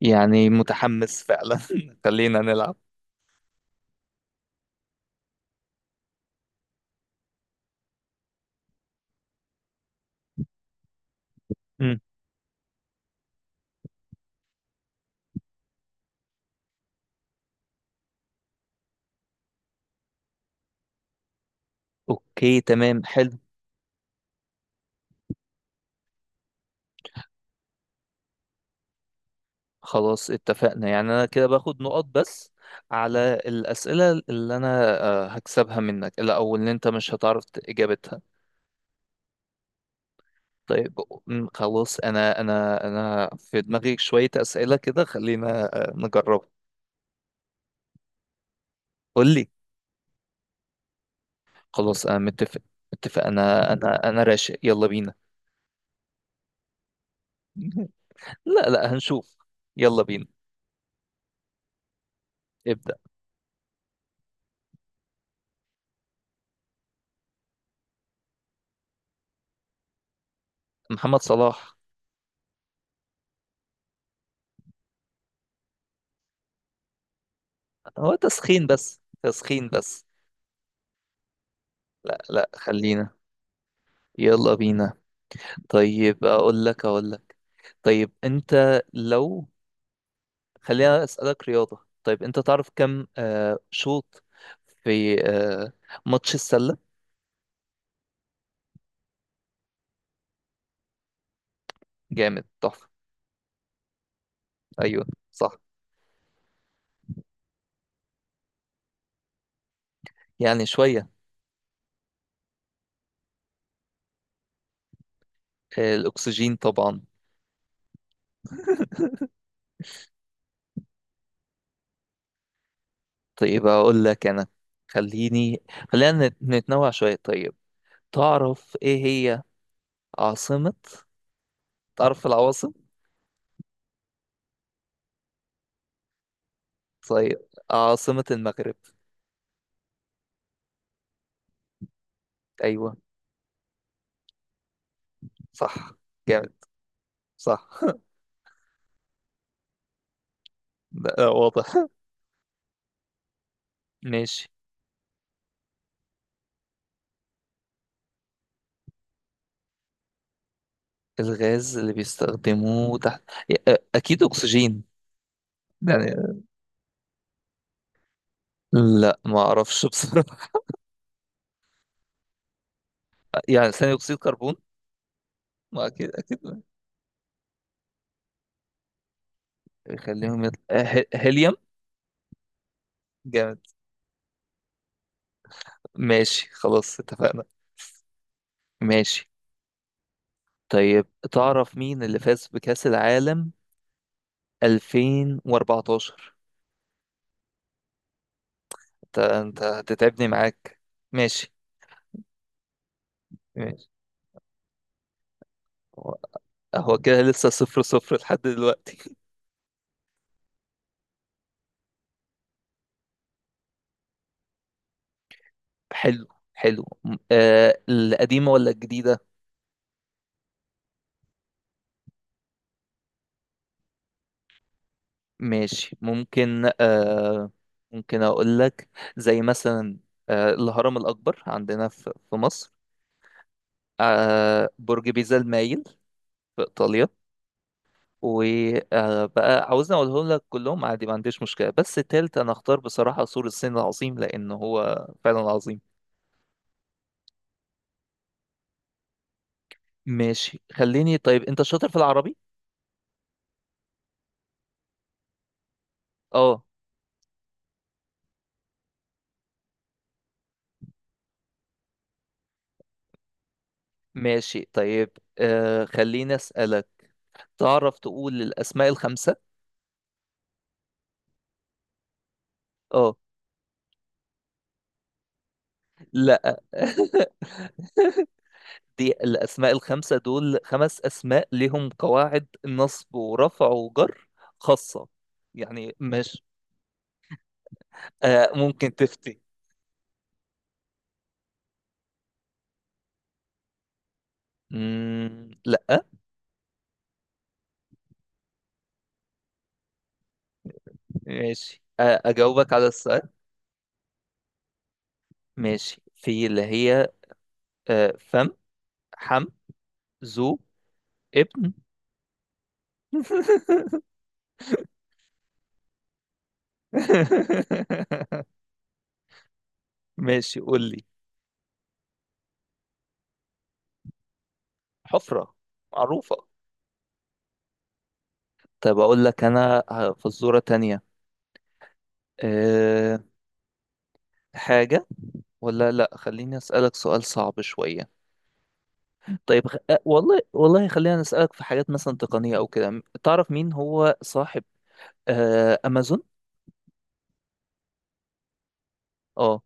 يعني متحمس فعلا. خلينا نلعب. مم. اوكي، تمام، حلو. خلاص اتفقنا، يعني انا كده باخد نقط بس على الاسئله اللي انا هكسبها منك، لا او اللي انت مش هتعرف اجابتها. طيب. خلاص انا في دماغي شويه اسئله كده، خلينا نجربها. قول لي. خلاص انا متفق انا راشق، يلا بينا. لا لا، هنشوف. يلا بينا. ابدأ. محمد صلاح. هو تسخين بس، تسخين بس. لا لا، خلينا. يلا بينا. طيب، اقول لك. طيب، انت لو خلينا اسالك رياضة. طيب، انت تعرف كم شوط في ماتش السلة؟ جامد، تحفة. ايوه، صح. يعني شوية. الاكسجين طبعا. طيب، اقول لك انا. خليني خلينا نتنوع شوية. طيب، تعرف ايه هي عاصمة تعرف العواصم؟ طيب، عاصمة المغرب؟ ايوه. صح، جامد. صح. لا لا، واضح. ماشي. الغاز اللي بيستخدموه تحت؟ اكيد اكسجين. يعني. لا، ما اعرفش بصراحه. يعني ثاني اكسيد كربون. ما اكيد اكيد، خليهم يطلع هيليوم. جامد. ماشي، خلاص اتفقنا. ماشي. طيب، تعرف مين اللي فاز بكأس العالم 2014؟ انت هتتعبني معاك. ماشي. ماشي. هو، هو كده لسه صفر صفر لحد دلوقتي. حلو، حلو. القديمة ولا الجديدة؟ ماشي، ممكن أقول لك. زي مثلا الهرم الأكبر عندنا في مصر. برج بيزا المايل في إيطاليا. وبقى عاوزني أقولهم لك كلهم عادي، ما عنديش مشكلة، بس التالت أنا أختار بصراحة سور الصين العظيم، لأن هو فعلا عظيم. ماشي، خليني. طيب، أنت شاطر في العربي؟ أه. ماشي. طيب، خليني أسألك. تعرف تقول الأسماء الخمسة؟ اه. لا. دي الاسماء الخمسه، دول خمس اسماء لهم قواعد نصب ورفع وجر خاصه. يعني مش، ممكن تفتي. مم. لا. ماشي، اجاوبك على السؤال. ماشي، في اللي هي فم، حم، ذو، ابن. ماشي، قول لي. حفره، معروفه. طب اقول لك انا فزوره تانية. أه حاجه، ولا لا، خليني اسالك سؤال صعب شويه. طيب، خ... أه، والله والله خلينا نسالك في حاجات مثلا تقنيه او كده. تعرف مين هو صاحب امازون؟ اه،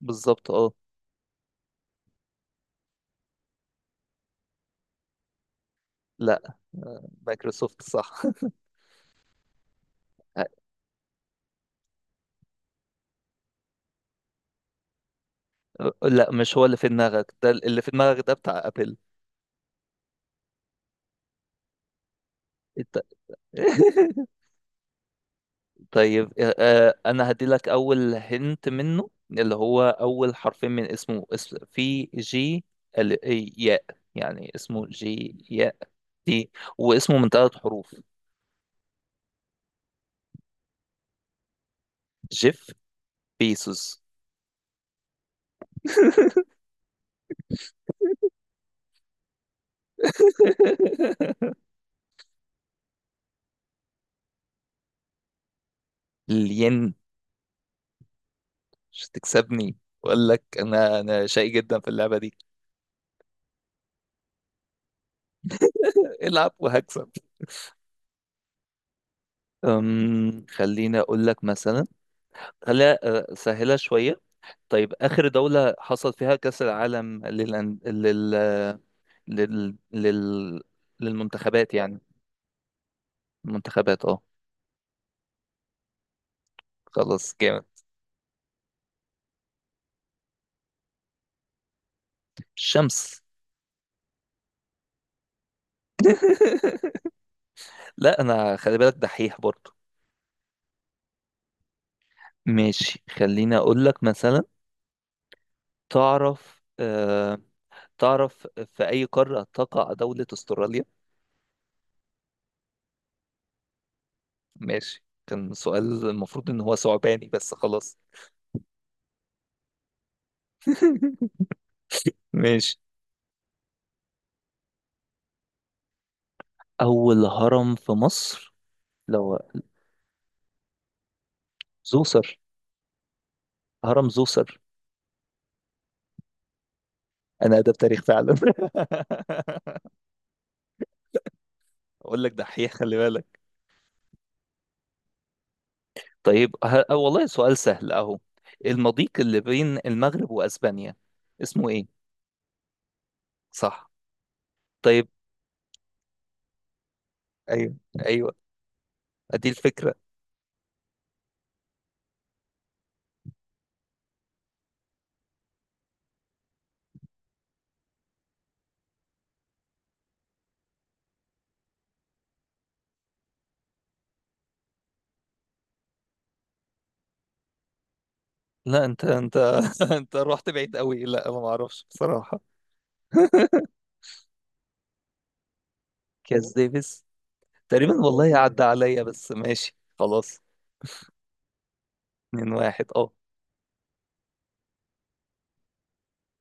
بالظبط. اه. لا، مايكروسوفت صح. لا، مش هو اللي في دماغك ده، اللي في دماغك ده بتاع ابل. إنت- طيب، انا هدي لك اول هنت منه، اللي هو اول حرفين من اسمه، اسم في جي. ال ياء، يعني اسمه جي ياء. واسمه من ثلاث حروف. جيف بيسوس. الين. مش تكسبني، اقول لك انا شقي جدا في اللعبه دي. العب وهكسب. خليني اقول لك مثلا، خليها سهله شويه. طيب، اخر دوله حصل فيها كاس العالم للأن... لل... لل... لل... للمنتخبات يعني. المنتخبات، اه. خلاص، جامد. الشمس. لا، انا خلي بالك دحيح برضو. ماشي، خليني اقول لك مثلا. تعرف آه، تعرف في أي قارة تقع دولة أستراليا؟ ماشي، كان سؤال المفروض إن هو ثعباني، بس خلاص. ماشي. أول هرم في مصر، لو زوسر. هرم زوسر. أنا ده بتاريخ فعلا. أقول لك دحيح، خلي بالك. طيب، ه... آه والله سؤال سهل أهو. المضيق اللي بين المغرب وأسبانيا اسمه إيه؟ صح. طيب، أيوه أيوه، أدي الفكرة. لا، أنت أنت رحت بعيد قوي، لا ما أعرفش بصراحة. كاس ديفيس، تقريبا والله عدى عليا، بس ماشي خلاص. اتنين واحد، اه.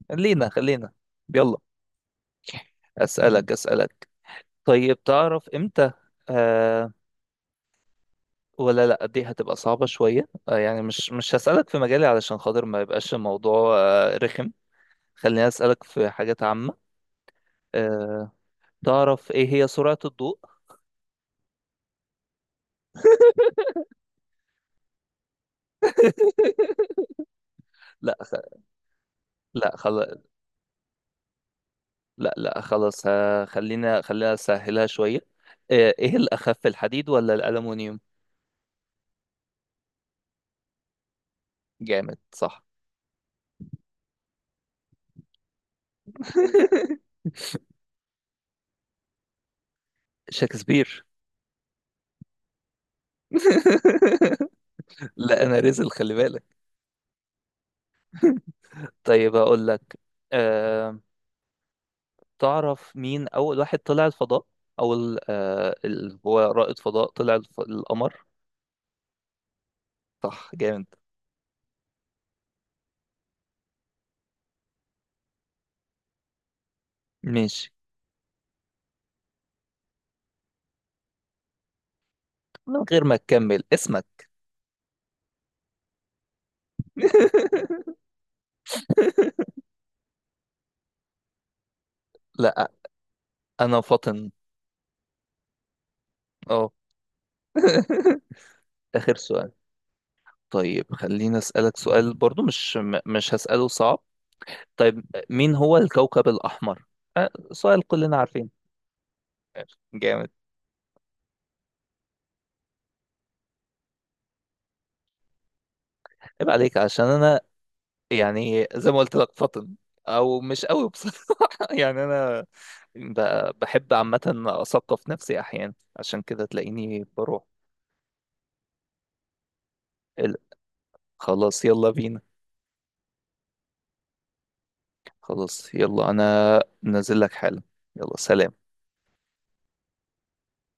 خلينا، يلا. اسألك. طيب، تعرف امتى آه ولا لا، دي هتبقى صعبة شوية. يعني، مش هسألك في مجالي، علشان خاطر ما يبقاش الموضوع رخم. خليني اسألك في حاجات عامة. آه تعرف ايه هي سرعة الضوء؟ لا خ... لا خلاص. لا لا، خلاص. خلينا اسهلها شوية. ايه الاخف، الحديد ولا الالومنيوم؟ جامد، صح. شكسبير. لا، انا رزل، خلي بالك. طيب، اقول لك. أه... تعرف مين اول واحد طلع الفضاء؟ اول اللي هو رائد فضاء طلع القمر. صح، جامد. ماشي. من غير ما تكمل اسمك. لا، انا فاطن. اه. اخر سؤال. طيب، خليني اسالك سؤال برضو، مش هساله صعب. طيب، مين هو الكوكب الاحمر؟ سؤال كلنا عارفين. جامد. عيب عليك، عشان انا يعني زي ما قلت لك فطن، او مش قوي بصراحه. يعني انا بحب عامه اثقف نفسي احيانا، عشان كده تلاقيني بروح. ال- خلاص، يلا بينا. خلاص، يلا انا نازل لك حالا. يلا، سلام.